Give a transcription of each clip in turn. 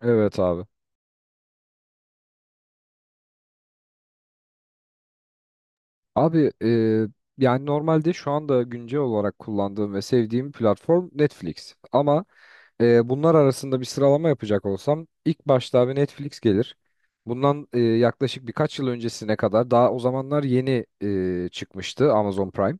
Evet abi. Abi e, Yani normalde şu anda güncel olarak kullandığım ve sevdiğim platform Netflix. Ama Bunlar arasında bir sıralama yapacak olsam ilk başta abi Netflix gelir. Bundan yaklaşık birkaç yıl öncesine kadar daha o zamanlar yeni çıkmıştı Amazon Prime.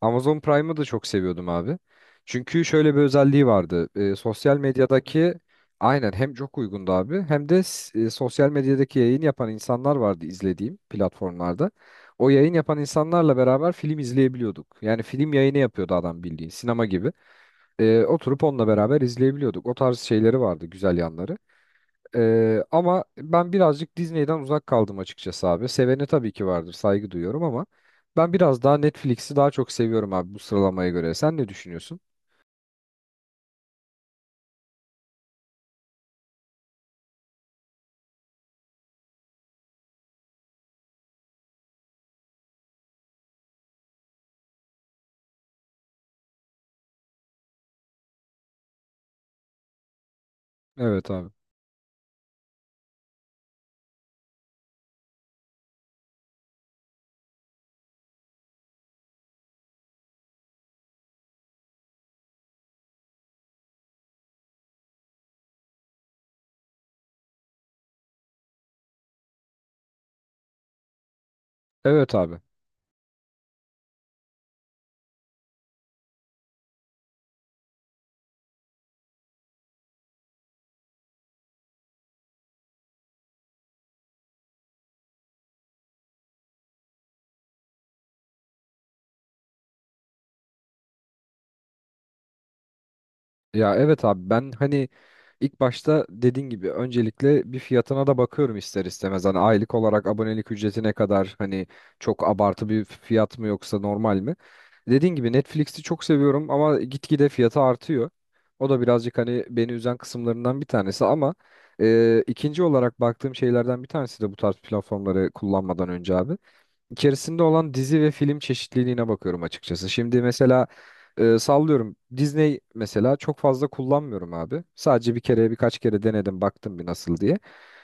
Amazon Prime'ı da çok seviyordum abi. Çünkü şöyle bir özelliği vardı. Sosyal medyadaki aynen hem çok uygundu abi hem de sosyal medyadaki yayın yapan insanlar vardı izlediğim platformlarda. O yayın yapan insanlarla beraber film izleyebiliyorduk. Yani film yayını yapıyordu adam bildiğin sinema gibi. Oturup onunla beraber izleyebiliyorduk. O tarz şeyleri vardı, güzel yanları. Ama ben birazcık Disney'den uzak kaldım açıkçası abi. Seveni tabii ki vardır, saygı duyuyorum ama ben biraz daha Netflix'i daha çok seviyorum abi bu sıralamaya göre. Sen ne düşünüyorsun? Evet abi. Evet abi. Ya evet abi ben hani ilk başta dediğin gibi öncelikle bir fiyatına da bakıyorum ister istemez. Hani aylık olarak abonelik ücreti ne kadar hani çok abartı bir fiyat mı yoksa normal mi? Dediğin gibi Netflix'i çok seviyorum ama gitgide fiyatı artıyor. O da birazcık hani beni üzen kısımlarından bir tanesi ama ikinci olarak baktığım şeylerden bir tanesi de bu tarz platformları kullanmadan önce abi içerisinde olan dizi ve film çeşitliliğine bakıyorum açıkçası. Şimdi mesela sallıyorum Disney mesela çok fazla kullanmıyorum abi. Sadece bir kere birkaç kere denedim baktım bir nasıl diye.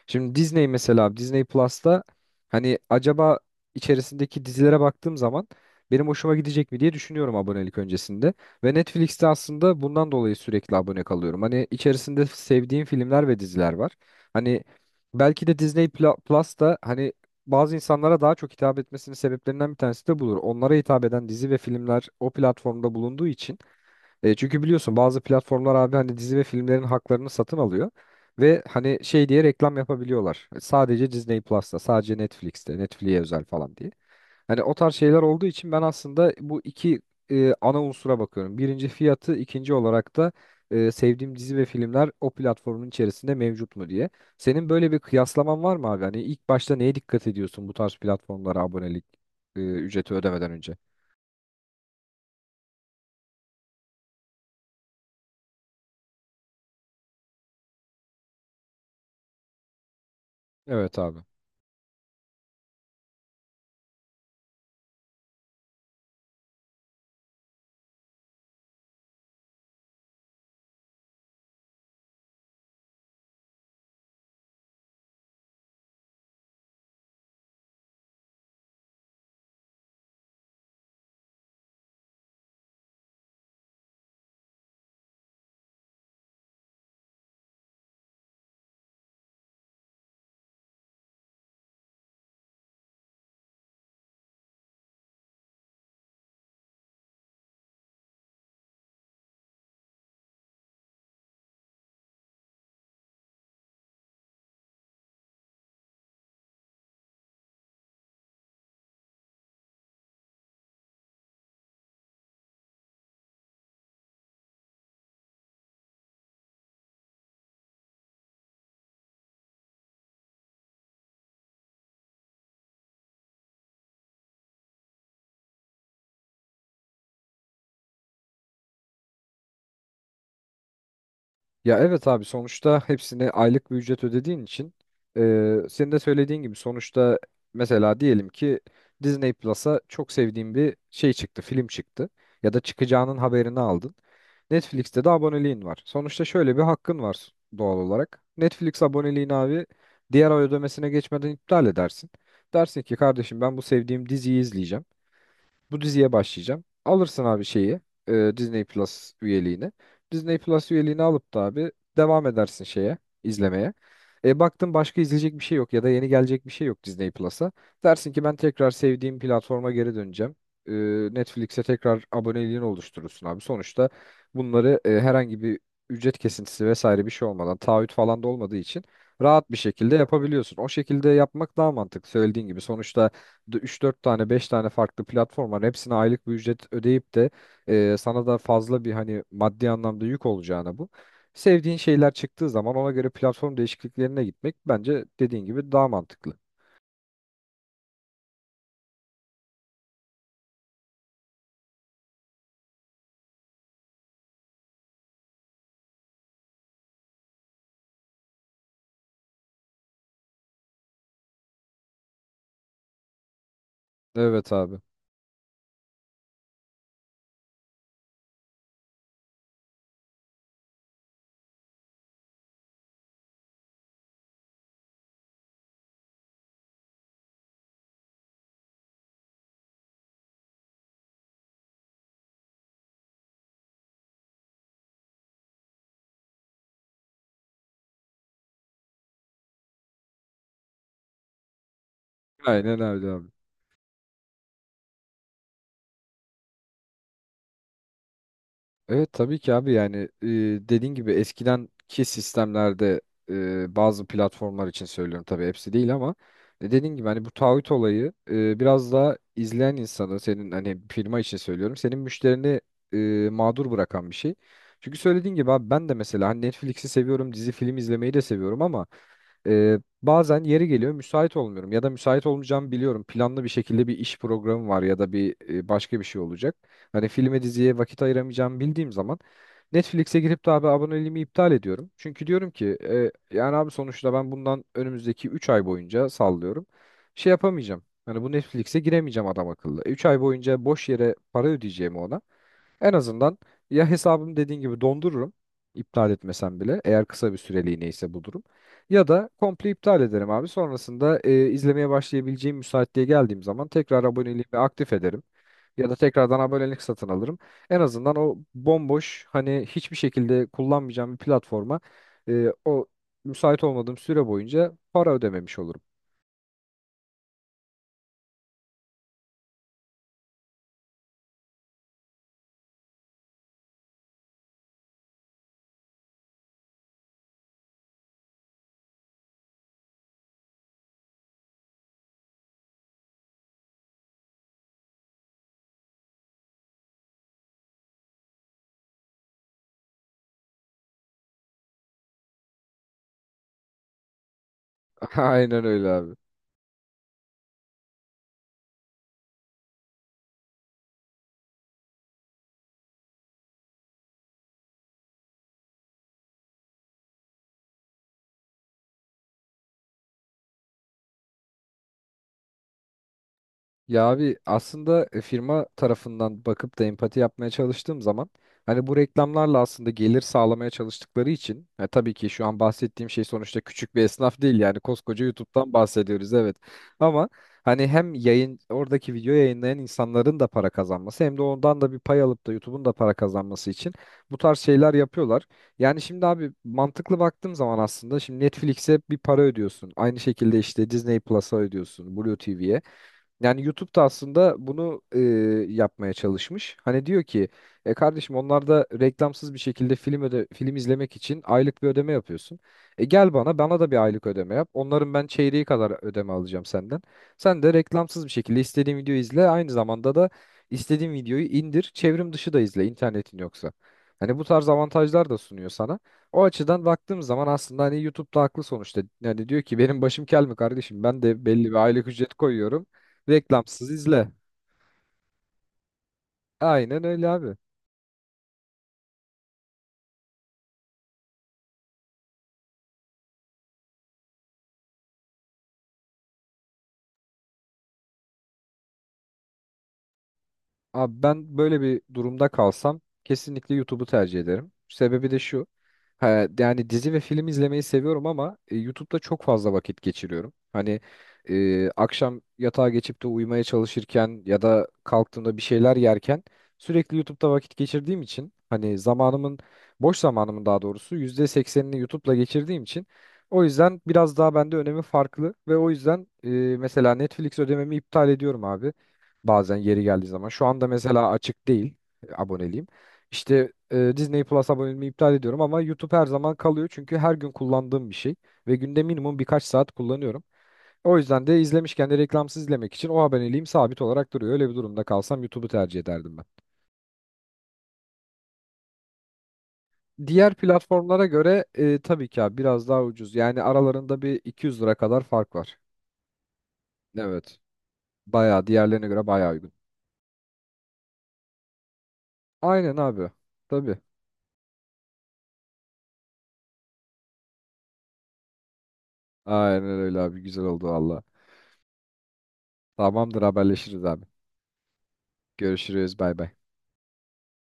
Şimdi Disney mesela Disney Plus'ta hani acaba içerisindeki dizilere baktığım zaman benim hoşuma gidecek mi diye düşünüyorum abonelik öncesinde. Ve Netflix'te aslında bundan dolayı sürekli abone kalıyorum. Hani içerisinde sevdiğim filmler ve diziler var. Hani belki de Plus da hani bazı insanlara daha çok hitap etmesinin sebeplerinden bir tanesi de budur. Onlara hitap eden dizi ve filmler o platformda bulunduğu için çünkü biliyorsun bazı platformlar abi hani dizi ve filmlerin haklarını satın alıyor ve hani şey diye reklam yapabiliyorlar. Sadece Disney Plus'ta, sadece Netflix'te, Netflix'e özel falan diye. Hani o tarz şeyler olduğu için ben aslında bu iki ana unsura bakıyorum. Birinci fiyatı, ikinci olarak da sevdiğim dizi ve filmler o platformun içerisinde mevcut mu diye. Senin böyle bir kıyaslaman var mı abi? Hani ilk başta neye dikkat ediyorsun bu tarz platformlara abonelik ücreti ödemeden önce? Evet abi. Ya evet abi sonuçta hepsine aylık bir ücret ödediğin için senin de söylediğin gibi sonuçta mesela diyelim ki Disney Plus'a çok sevdiğin bir şey çıktı, film çıktı ya da çıkacağının haberini aldın. Netflix'te de aboneliğin var. Sonuçta şöyle bir hakkın var doğal olarak. Netflix aboneliğini abi diğer ay ödemesine geçmeden iptal edersin. Dersin ki kardeşim ben bu sevdiğim diziyi izleyeceğim. Bu diziye başlayacağım. Alırsın abi şeyi Disney Plus üyeliğini. Disney Plus üyeliğini alıp da abi devam edersin şeye izlemeye. Baktın başka izleyecek bir şey yok ya da yeni gelecek bir şey yok Disney Plus'a. Dersin ki ben tekrar sevdiğim platforma geri döneceğim. E, Netflix'e tekrar aboneliğini oluşturursun abi. Sonuçta bunları herhangi bir ücret kesintisi vesaire bir şey olmadan taahhüt falan da olmadığı için rahat bir şekilde yapabiliyorsun. O şekilde yapmak daha mantıklı söylediğin gibi. Sonuçta üç dört tane 5 tane farklı platform var. Hepsine aylık bir ücret ödeyip de sana da fazla bir hani maddi anlamda yük olacağına bu. Sevdiğin şeyler çıktığı zaman ona göre platform değişikliklerine gitmek bence dediğin gibi daha mantıklı. Evet abi. Aynen öyle abi. Evet tabii ki abi yani e, dediğin gibi eskidenki sistemlerde bazı platformlar için söylüyorum tabii hepsi değil ama dediğin gibi hani bu taahhüt olayı biraz daha izleyen insanı senin hani firma için söylüyorum senin müşterini mağdur bırakan bir şey. Çünkü söylediğin gibi abi ben de mesela hani Netflix'i seviyorum dizi film izlemeyi de seviyorum ama bazen yeri geliyor müsait olmuyorum ya da müsait olmayacağımı biliyorum planlı bir şekilde bir iş programı var ya da bir başka bir şey olacak. Hani filme diziye vakit ayıramayacağımı bildiğim zaman Netflix'e girip de abi aboneliğimi iptal ediyorum. Çünkü diyorum ki yani abi sonuçta ben bundan önümüzdeki 3 ay boyunca sallıyorum. Şey yapamayacağım. Hani bu Netflix'e giremeyeceğim adam akıllı. 3 ay boyunca boş yere para ödeyeceğimi ona. En azından ya hesabımı dediğin gibi dondururum. İptal etmesem bile eğer kısa bir süreliğine ise bu durum. Ya da komple iptal ederim abi. Sonrasında izlemeye başlayabileceğim müsaitliğe geldiğim zaman tekrar aboneliğimi aktif ederim. Ya da tekrardan abonelik satın alırım. En azından o bomboş hani hiçbir şekilde kullanmayacağım bir platforma o müsait olmadığım süre boyunca para ödememiş olurum. Aynen öyle abi. Ya abi aslında firma tarafından bakıp da empati yapmaya çalıştığım zaman hani bu reklamlarla aslında gelir sağlamaya çalıştıkları için tabii ki şu an bahsettiğim şey sonuçta küçük bir esnaf değil yani koskoca YouTube'dan bahsediyoruz evet. Ama hani hem yayın oradaki video yayınlayan insanların da para kazanması hem de ondan da bir pay alıp da YouTube'un da para kazanması için bu tarz şeyler yapıyorlar. Yani şimdi abi mantıklı baktığım zaman aslında şimdi Netflix'e bir para ödüyorsun. Aynı şekilde işte Disney Plus'a ödüyorsun, Blue TV'ye. Yani YouTube da aslında bunu yapmaya çalışmış. Hani diyor ki kardeşim onlar da reklamsız bir şekilde film öde film izlemek için aylık bir ödeme yapıyorsun. E gel bana bana da bir aylık ödeme yap. Onların ben çeyreği kadar ödeme alacağım senden. Sen de reklamsız bir şekilde istediğin videoyu izle. Aynı zamanda da istediğin videoyu indir. Çevrim dışı da izle internetin yoksa. Hani bu tarz avantajlar da sunuyor sana. O açıdan baktığım zaman aslında hani YouTube'da haklı sonuçta. Yani diyor ki benim başım kel mi kardeşim? Ben de belli bir aylık ücret koyuyorum. Reklamsız izle. Aynen öyle abi. Abi ben böyle bir durumda kalsam kesinlikle YouTube'u tercih ederim. Sebebi de şu. Ha, Yani dizi ve film izlemeyi seviyorum ama YouTube'da çok fazla vakit geçiriyorum. Hani akşam yatağa geçip de uyumaya çalışırken ya da kalktığımda bir şeyler yerken sürekli YouTube'da vakit geçirdiğim için hani zamanımın boş zamanımın daha doğrusu %80'ini YouTube'la geçirdiğim için o yüzden biraz daha bende önemi farklı ve o yüzden mesela Netflix ödememi iptal ediyorum abi. Bazen yeri geldiği zaman. Şu anda mesela açık değil aboneliğim. İşte Disney Plus aboneliğimi iptal ediyorum ama YouTube her zaman kalıyor. Çünkü her gün kullandığım bir şey ve günde minimum birkaç saat kullanıyorum. O yüzden de izlemişken de reklamsız izlemek için o aboneliğim sabit olarak duruyor. Öyle bir durumda kalsam YouTube'u tercih ederdim ben. Diğer platformlara göre tabii ki abi biraz daha ucuz. Yani aralarında bir 200 lira kadar fark var. Evet. Bayağı diğerlerine göre bayağı uygun. Aynen abi. Tabii. Aynen öyle abi güzel oldu valla. Tamamdır haberleşiriz abi. Görüşürüz bay bay.